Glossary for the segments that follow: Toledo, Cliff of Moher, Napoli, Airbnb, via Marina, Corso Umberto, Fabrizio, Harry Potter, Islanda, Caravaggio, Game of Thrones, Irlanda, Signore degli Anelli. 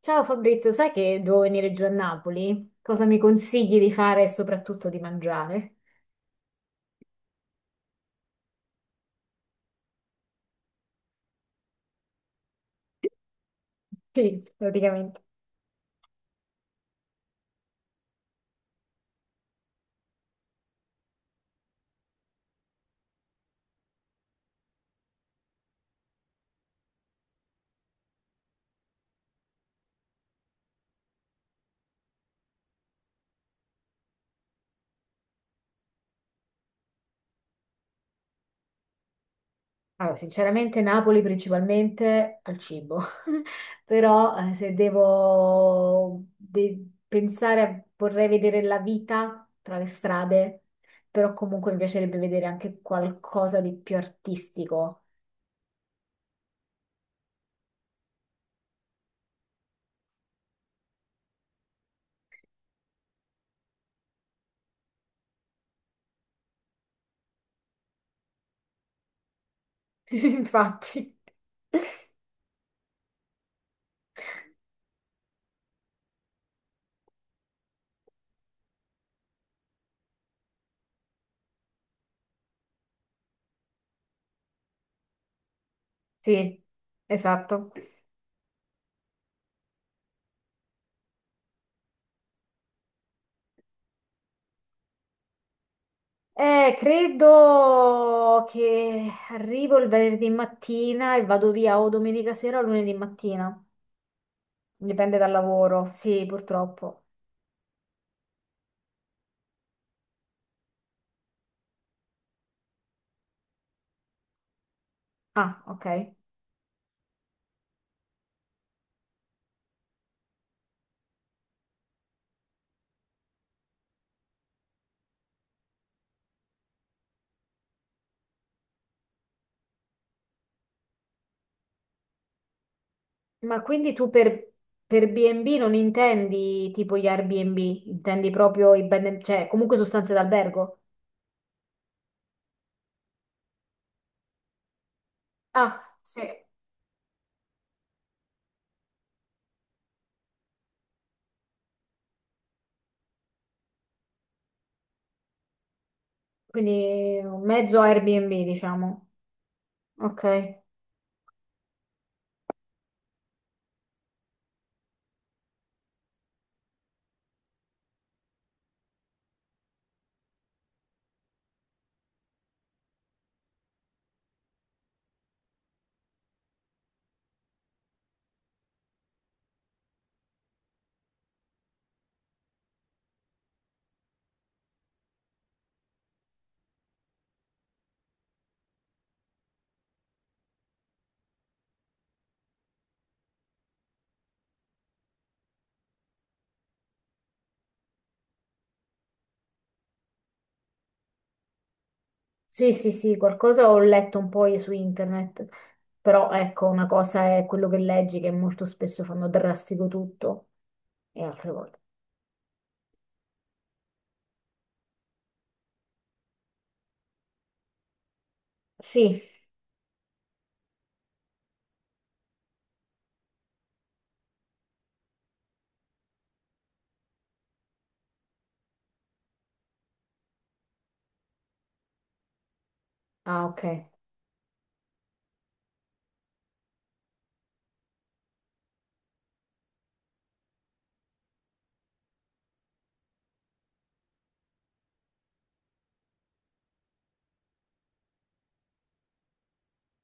Ciao Fabrizio, sai che devo venire giù a Napoli? Cosa mi consigli di fare e soprattutto di mangiare? Sì, praticamente. Allora, sinceramente Napoli principalmente al cibo, però se devo pensare, vorrei vedere la vita tra le strade, però comunque mi piacerebbe vedere anche qualcosa di più artistico. Infatti, sì, esatto. Credo che arrivo il venerdì mattina e vado via o domenica sera o lunedì mattina. Dipende dal lavoro. Sì, purtroppo. Ah, ok. Ma quindi per B&B non intendi tipo gli Airbnb, intendi proprio i cioè comunque sostanze d'albergo? Ah, sì. Quindi un mezzo Airbnb, diciamo. Ok. Sì, sì, sì, qualcosa ho letto un po' su internet, però ecco, una cosa è quello che leggi, che molto spesso fanno drastico tutto, e altre volte. Sì, ah, ok.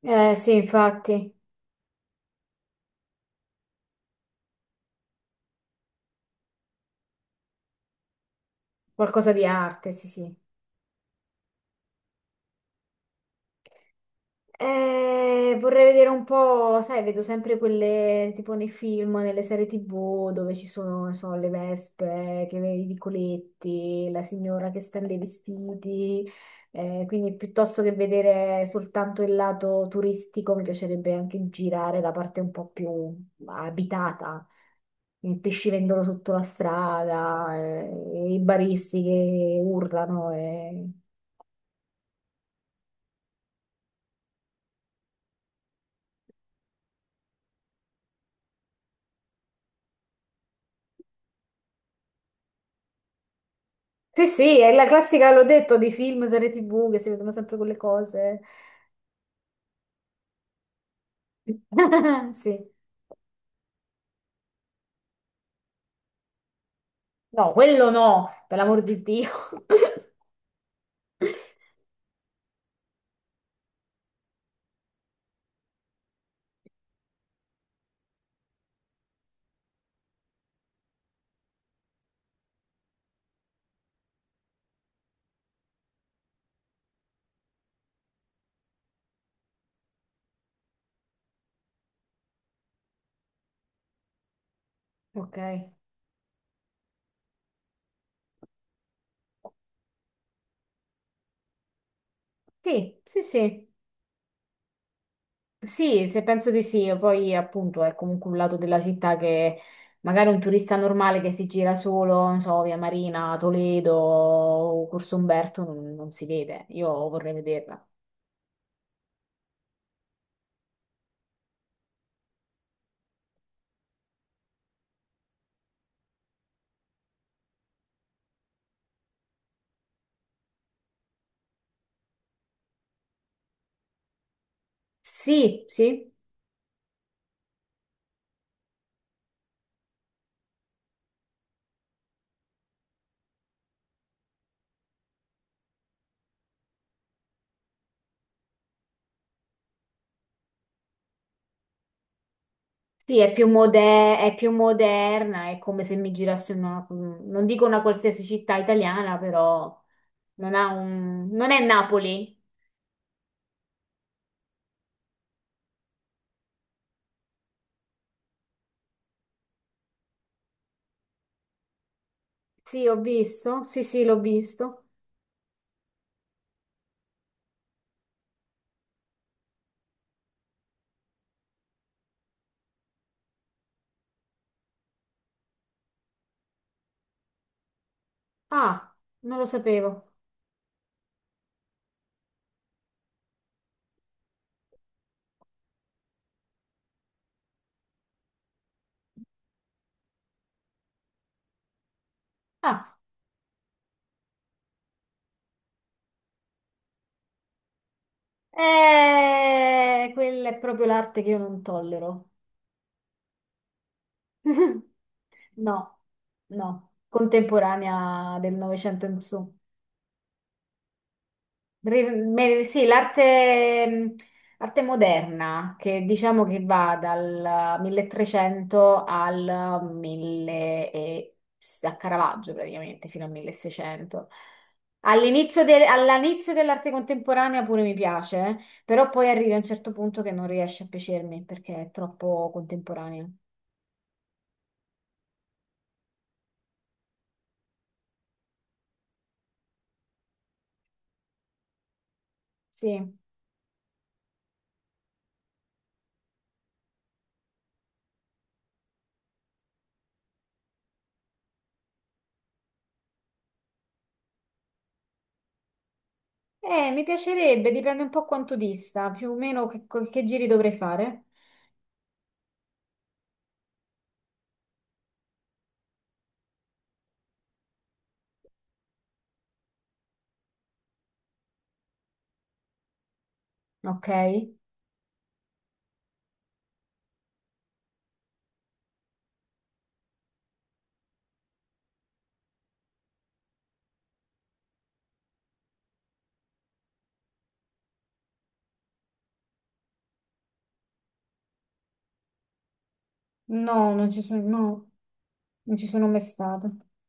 Sì, infatti, qualcosa di arte, sì, sì. Vorrei vedere un po', sai, vedo sempre quelle tipo nei film, nelle serie TV dove ci sono, non so, le vespe, i vicoletti, la signora che stende i vestiti. Quindi piuttosto che vedere soltanto il lato turistico, mi piacerebbe anche girare la parte un po' più abitata. Il pescivendolo sotto la strada, i baristi che urlano. Sì, sì, è la classica, l'ho detto, di film, serie TV che si vedono sempre quelle cose. Sì. No, quello no, per l'amor di Dio. Ok. Sì, sì, sì. Sì, se penso di sì, poi appunto è comunque un lato della città che magari un turista normale che si gira solo, non so, via Marina, Toledo, Corso Umberto non si vede. Io vorrei vederla. Sì, sì, sì, è più è più moderna, è come se mi girassi in una, non dico una qualsiasi città italiana, però non ha un... non è Napoli. Sì, ho visto. Sì, sì, l'ho visto. Ah, non lo sapevo. Ah, quella è proprio l'arte che io non tollero. No, no, contemporanea del Novecento in su. Sì, l'arte arte moderna, che diciamo che va dal 1300 al 1000 e, a Caravaggio praticamente, fino al 1600. All'inizio dell'arte contemporanea pure mi piace, però poi arrivi a un certo punto che non riesce a piacermi perché è troppo contemporanea. Sì, mi piacerebbe, dipende un po' quanto dista, più o meno che giri dovrei fare, ok? No, non ci sono, no, non ci sono mai stata.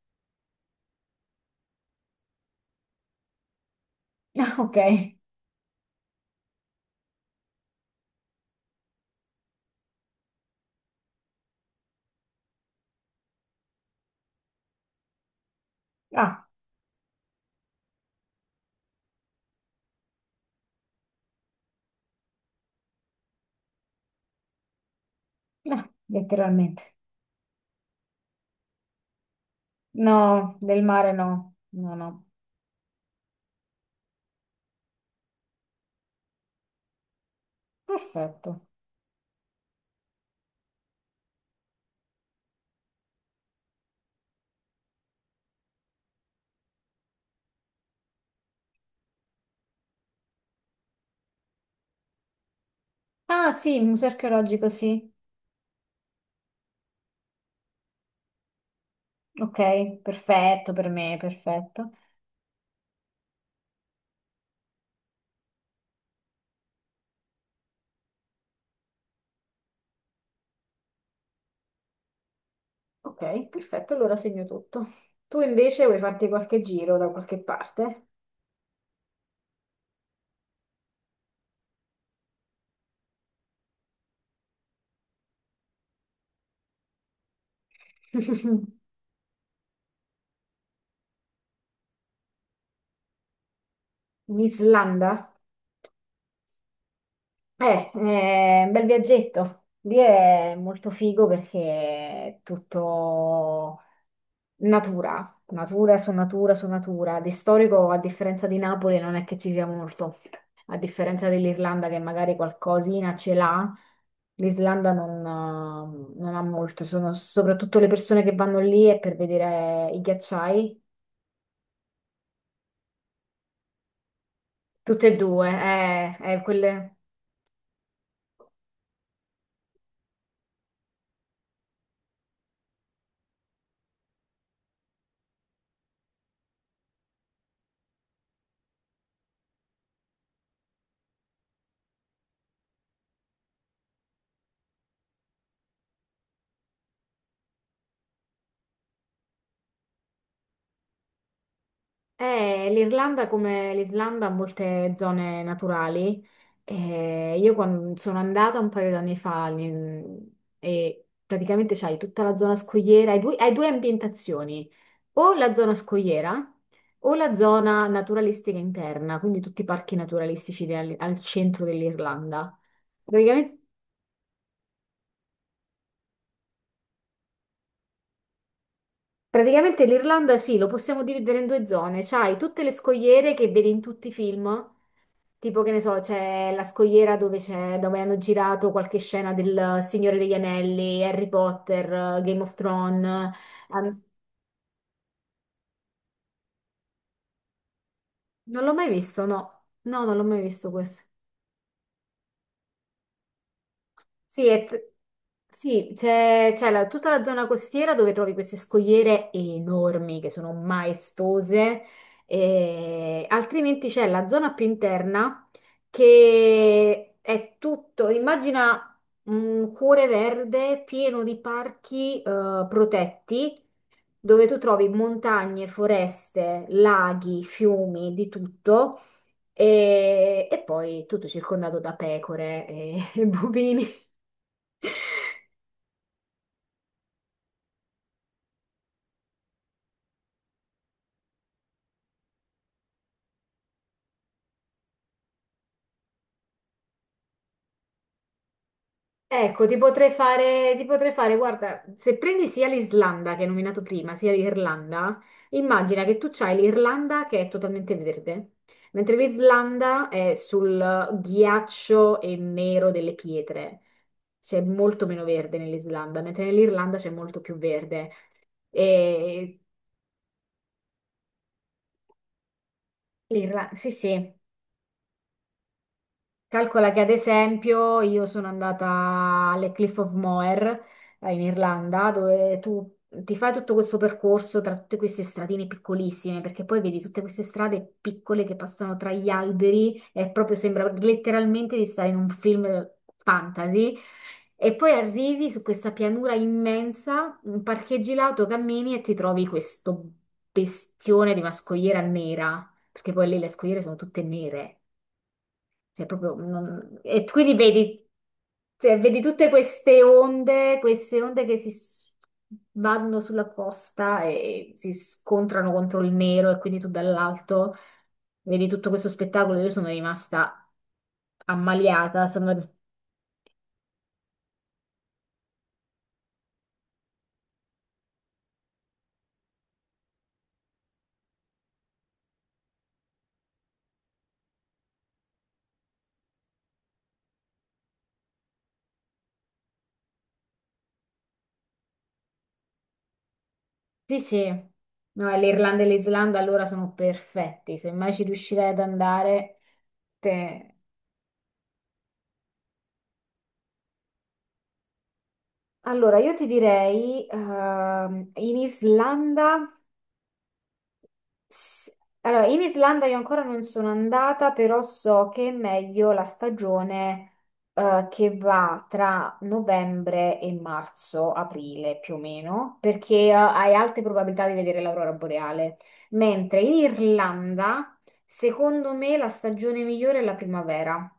Ah, ok. Ah, ah, letteralmente. No, del mare no. No, no. Perfetto. Ah, sì, il museo archeologico, sì. Ok, perfetto per me, perfetto. Ok, perfetto, allora segno tutto. Tu invece vuoi farti qualche giro da qualche parte? In Islanda? È un bel viaggetto. Lì è molto figo perché è tutto natura, natura su natura su natura. Di storico, a differenza di Napoli, non è che ci sia molto. A differenza dell'Irlanda, che magari qualcosina ce l'ha, l'Islanda non, non ha molto. Sono soprattutto le persone che vanno lì è per vedere i ghiacciai. Tutte e due, quelle. L'Irlanda, come l'Islanda, ha molte zone naturali. Io quando sono andata un paio d'anni fa e praticamente c'hai tutta la zona scogliera, hai due ambientazioni, o la zona scogliera o la zona naturalistica interna, quindi tutti i parchi naturalistici al centro dell'Irlanda. Praticamente, praticamente l'Irlanda, sì, lo possiamo dividere in due zone. C'hai tutte le scogliere che vedi in tutti i film. Tipo che ne so, c'è la scogliera dove hanno girato qualche scena del Signore degli Anelli, Harry Potter, Game of Thrones. eh, um, non l'ho mai visto, no. No, non l'ho mai visto questo. Sì, è t- sì, tutta la zona costiera dove trovi queste scogliere enormi che sono maestose, e altrimenti c'è la zona più interna che è tutto, immagina un cuore verde pieno di parchi protetti dove tu trovi montagne, foreste, laghi, fiumi, di tutto. E poi tutto circondato da pecore e, e bovini. Ecco, ti potrei fare, guarda, se prendi sia l'Islanda che hai nominato prima, sia l'Irlanda, immagina che tu c'hai l'Irlanda che è totalmente verde, mentre l'Islanda è sul ghiaccio e nero delle pietre. C'è molto meno verde nell'Islanda, mentre nell'Irlanda c'è molto più verde. E l'Irlanda, sì, sì. Calcola che ad esempio io sono andata alle Cliff of Moher in Irlanda, dove tu ti fai tutto questo percorso tra tutte queste stradine piccolissime, perché poi vedi tutte queste strade piccole che passano tra gli alberi e proprio sembra letteralmente di stare in un film fantasy. E poi arrivi su questa pianura immensa, parcheggi l'auto, cammini e ti trovi questo bestione di una scogliera nera, perché poi lì le scogliere sono tutte nere. Cioè, proprio non- E quindi vedi, cioè, vedi tutte queste onde, vanno sulla costa e si scontrano contro il nero e quindi tu dall'alto vedi tutto questo spettacolo. Io sono rimasta ammaliata. Sono... Sì, sì. No, e l'Irlanda e l'Islanda allora sono perfetti. Se mai ci riuscirai ad andare, te... Allora, io ti direi, in Islanda. S- Allora, in Islanda io ancora non sono andata, però so che è meglio la stagione che va tra novembre e marzo, aprile più o meno, perché hai alte probabilità di vedere l'aurora boreale. Mentre in Irlanda, secondo me, la stagione migliore è la primavera.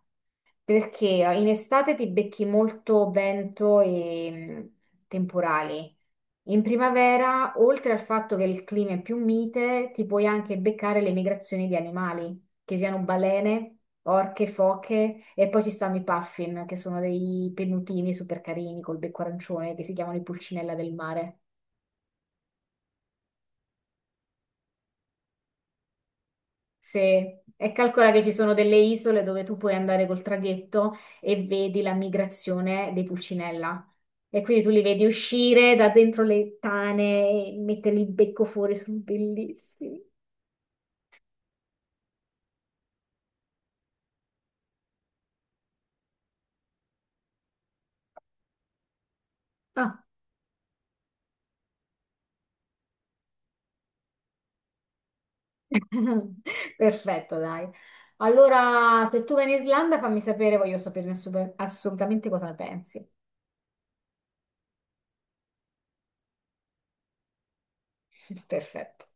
Perché in estate ti becchi molto vento e temporali. In primavera, oltre al fatto che il clima è più mite, ti puoi anche beccare le migrazioni di animali, che siano balene, orche, foche e poi ci stanno i puffin, che sono dei pennutini super carini col becco arancione che si chiamano i pulcinella del mare. Sì, e calcola che ci sono delle isole dove tu puoi andare col traghetto e vedi la migrazione dei pulcinella. E quindi tu li vedi uscire da dentro le tane e mettere il becco fuori, sono bellissimi. Ah. Perfetto, dai. Allora, se tu vai in Islanda, fammi sapere, voglio sapere assolutamente cosa ne pensi. Perfetto.